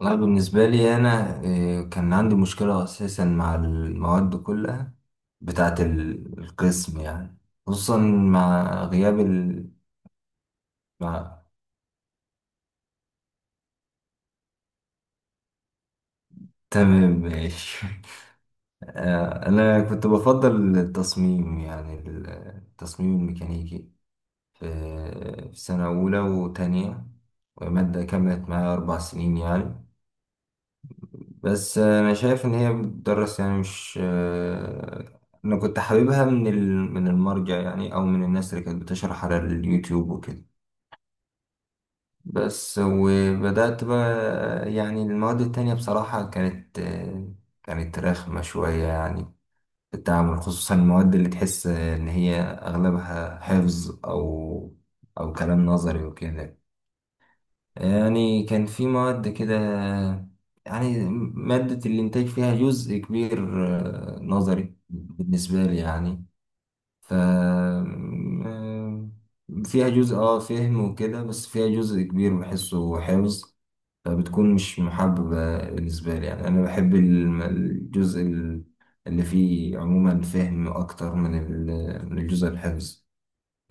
والله بالنسبة لي أنا كان عندي مشكلة أساسا مع المواد كلها بتاعة القسم يعني. خصوصا مع غياب مع... تمام ماشي أنا كنت بفضل التصميم يعني التصميم الميكانيكي في سنة أولى وتانية. ومادة كملت معايا 4 سنين يعني. بس انا شايف ان هي بتدرس يعني مش آه، انا كنت حاببها من المرجع يعني او من الناس اللي كانت بتشرح على اليوتيوب وكده. بس وبدأت بقى يعني المواد التانية بصراحة كانت رخمة شوية يعني في التعامل، خصوصا المواد اللي تحس ان هي اغلبها حفظ او كلام نظري وكده. يعني كان في مواد كده يعني. مادة الإنتاج فيها جزء كبير نظري بالنسبة لي يعني. ف آه، فيها جزء اه فهم وكده، بس فيها جزء كبير بحسه حفظ. فبتكون مش محببة بالنسبة لي، يعني أنا بحب الجزء اللي فيه عموما فهم أكتر من الجزء الحفظ.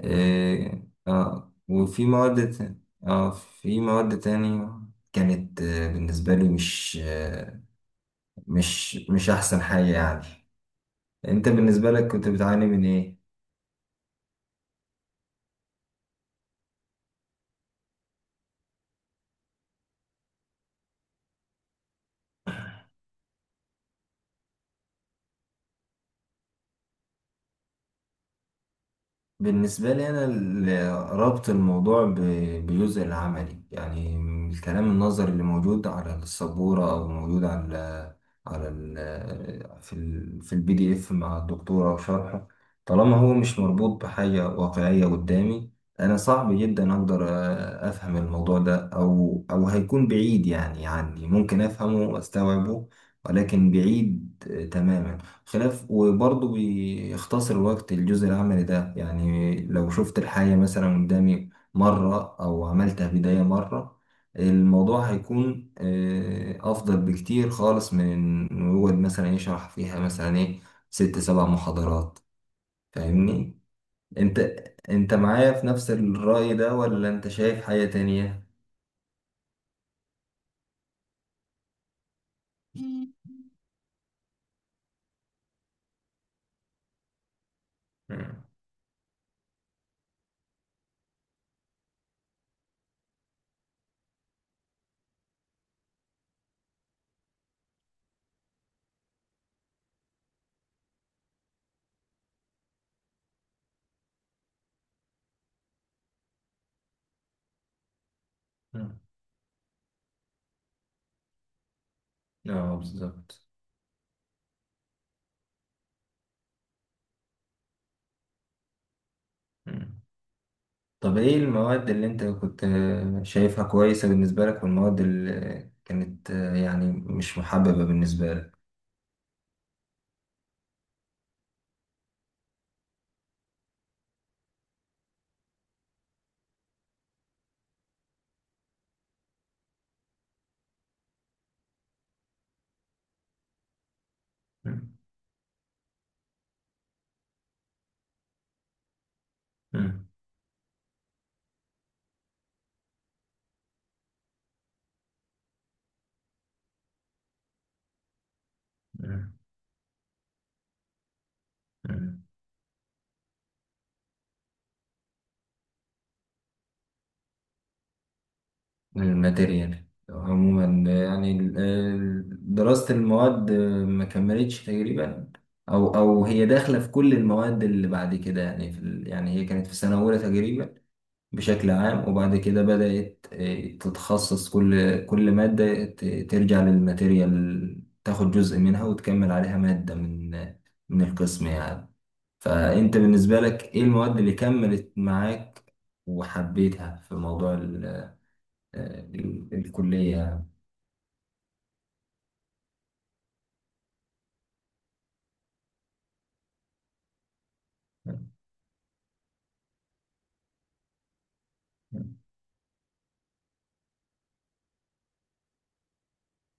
إيه، اه وفي مواد ت- اه في مواد تانية كانت بالنسبة لي مش مش أحسن حاجة يعني. أنت بالنسبة لك كنت بتعاني من إيه؟ بالنسبة لي أنا ربط الموضوع بجزء العملي يعني. الكلام النظري اللي موجود على السبورة أو موجود على على ال في ال في البي دي إف مع الدكتورة وشرحه، طالما هو مش مربوط بحاجة واقعية قدامي، أنا صعب جدا أقدر أفهم الموضوع ده، أو هيكون بعيد يعني عني، ممكن أفهمه وأستوعبه ولكن بعيد تماما. خلاف وبرضه بيختصر الوقت الجزء العملي ده، يعني لو شفت الحاجة مثلا قدامي مرة أو عملتها بداية مرة، الموضوع هيكون أفضل بكتير خالص من إنه يقعد مثلا يشرح فيها مثلا إيه 6 7 محاضرات. فاهمني؟ أنت أنت معايا في نفس الرأي ده ولا أنت شايف حاجة تانية؟ مم. مم. اه، بالظبط. مم. طب ايه المواد اللي انت كنت شايفها كويسة بالنسبة لك، والمواد اللي كانت يعني مش محببة بالنسبة لك؟ مم. مم. مم. مم. الماتيريال عموما يعني دراسة المواد ما كملتش تقريبا، او هي داخلة في كل المواد اللي بعد كده. يعني في يعني هي كانت في سنة أولى تقريبا بشكل عام، وبعد كده بدأت تتخصص. كل مادة ترجع للماتيريال، تاخد جزء منها وتكمل عليها مادة من القسم يعني. فأنت بالنسبة لك إيه المواد اللي كملت معاك وحبيتها في موضوع الكلية؟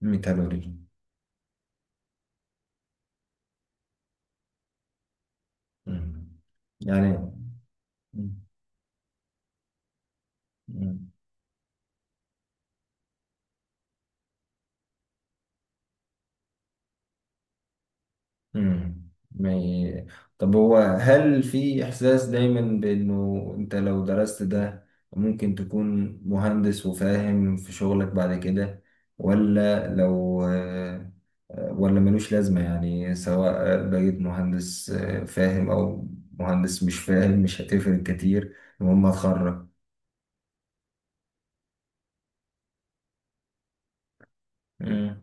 ميتالورجي. مم. يعني. مم. ما ي- طب هو، هل في إحساس دايما بإنه أنت لو درست ده ممكن تكون مهندس وفاهم في شغلك بعد كده، ولا لو آه، ولا ملوش لازمة يعني، سواء بقيت مهندس فاهم أو مهندس مش فاهم، مش هتفرق كتير، المهم هتخرج؟ امم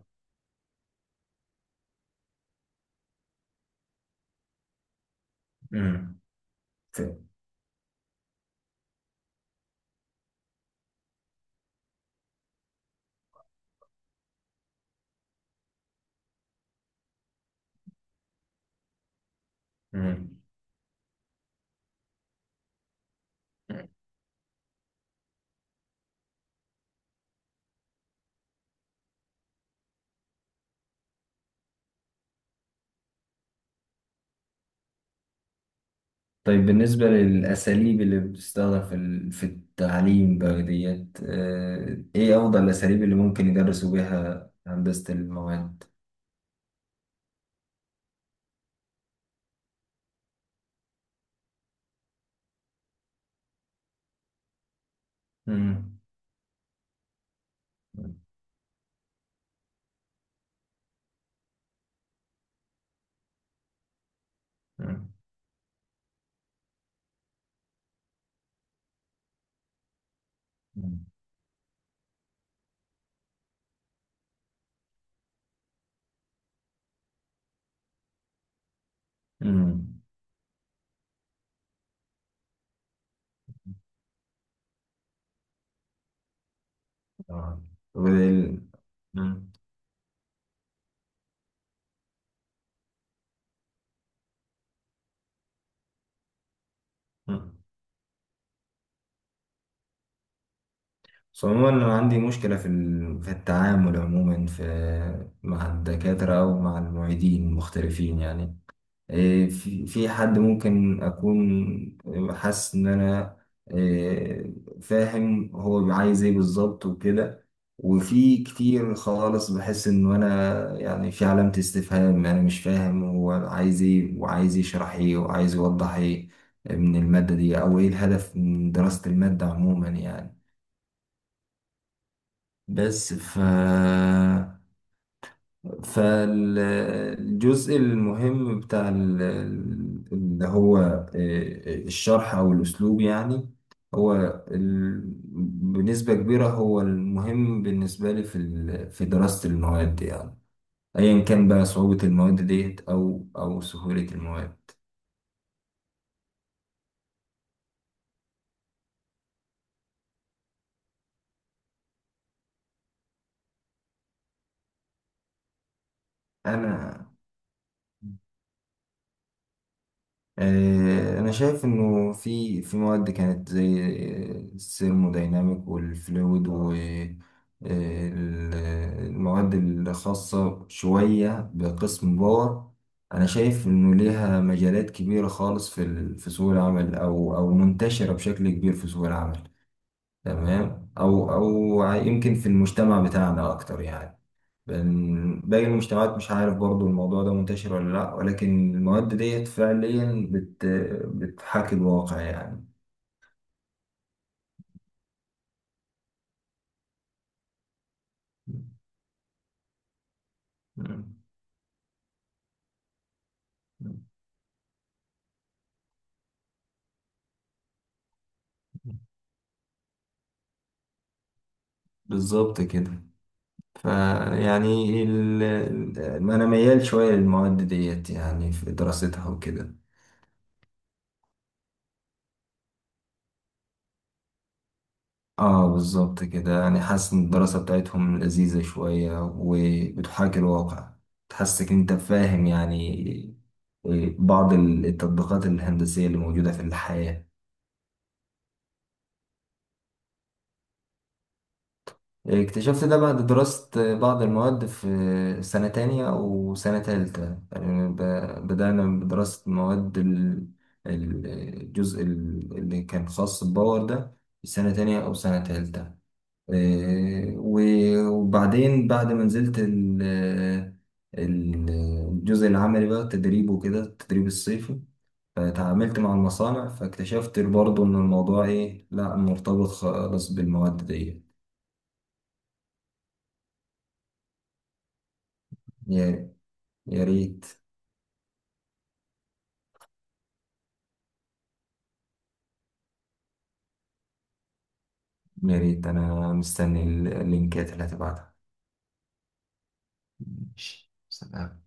امم طيب بالنسبة للأساليب اللي بتستخدم في في التعليم بقى ديت، إيه أفضل الأساليب اللي ممكن يدرسوا بيها هندسة المواد؟ مم. مم. مم. مم. آه. وال- مم. مم. بس عموما أنا عندي مشكلة في في التعامل عموما مع الدكاترة أو مع المعيدين المختلفين يعني. في حد ممكن أكون حاسس إن أنا إيه، فاهم هو عايز إيه بالظبط وكده، وفي كتير خالص بحس إنه أنا يعني في علامة استفهام، أنا مش فاهم هو عايز إيه وعايز يشرح إيه وعايز يوضح إيه من المادة دي، أو إيه الهدف من دراسة المادة عموما يعني. بس فالجزء المهم بتاع اللي هو الشرح أو الأسلوب يعني، هو ال- بنسبة كبيرة هو المهم بالنسبة لي في في دراسة المواد يعني، أيا كان بقى صعوبة المواد ديت أو سهولة المواد. أنا أنا شايف إنه في مواد كانت زي الثيرمودايناميك والفلويد ال- المواد الخاصة شوية بقسم باور، أنا شايف إنه ليها مجالات كبيرة خالص في في سوق العمل أو منتشرة بشكل كبير في سوق العمل. تمام. او يمكن في المجتمع بتاعنا اكتر يعني، باقي المجتمعات مش عارف برضو الموضوع ده منتشر ولا لا، ولكن المواد ديت فعليا بتحاكي الواقع يعني. مم. بالظبط كده. فيعني ال... ال- انا ميال شوية للمواد ديت يعني في دراستها وكده. اه، بالظبط كده، يعني حاسس ان الدراسة بتاعتهم لذيذة شوية وبتحاكي الواقع، تحسك انت فاهم يعني بعض التطبيقات الهندسية اللي موجودة في الحياة. اكتشفت ده بعد دراسة بعض المواد في سنة تانية وسنة تالتة، يعني بدأنا بدراسة مواد ال- الجزء اللي كان خاص بالباور ده في سنة تانية أو سنة تالتة، وبعدين بعد ما نزلت ال- الجزء العملي بقى التدريب وكده، التدريب الصيفي، فتعاملت مع المصانع فاكتشفت برضه إن الموضوع إيه، لأ، مرتبط خالص بالمواد دي. يا يا ريت. يا ريت أنا مستني اللينكات اللي هتبعتها. ماشي، سلام.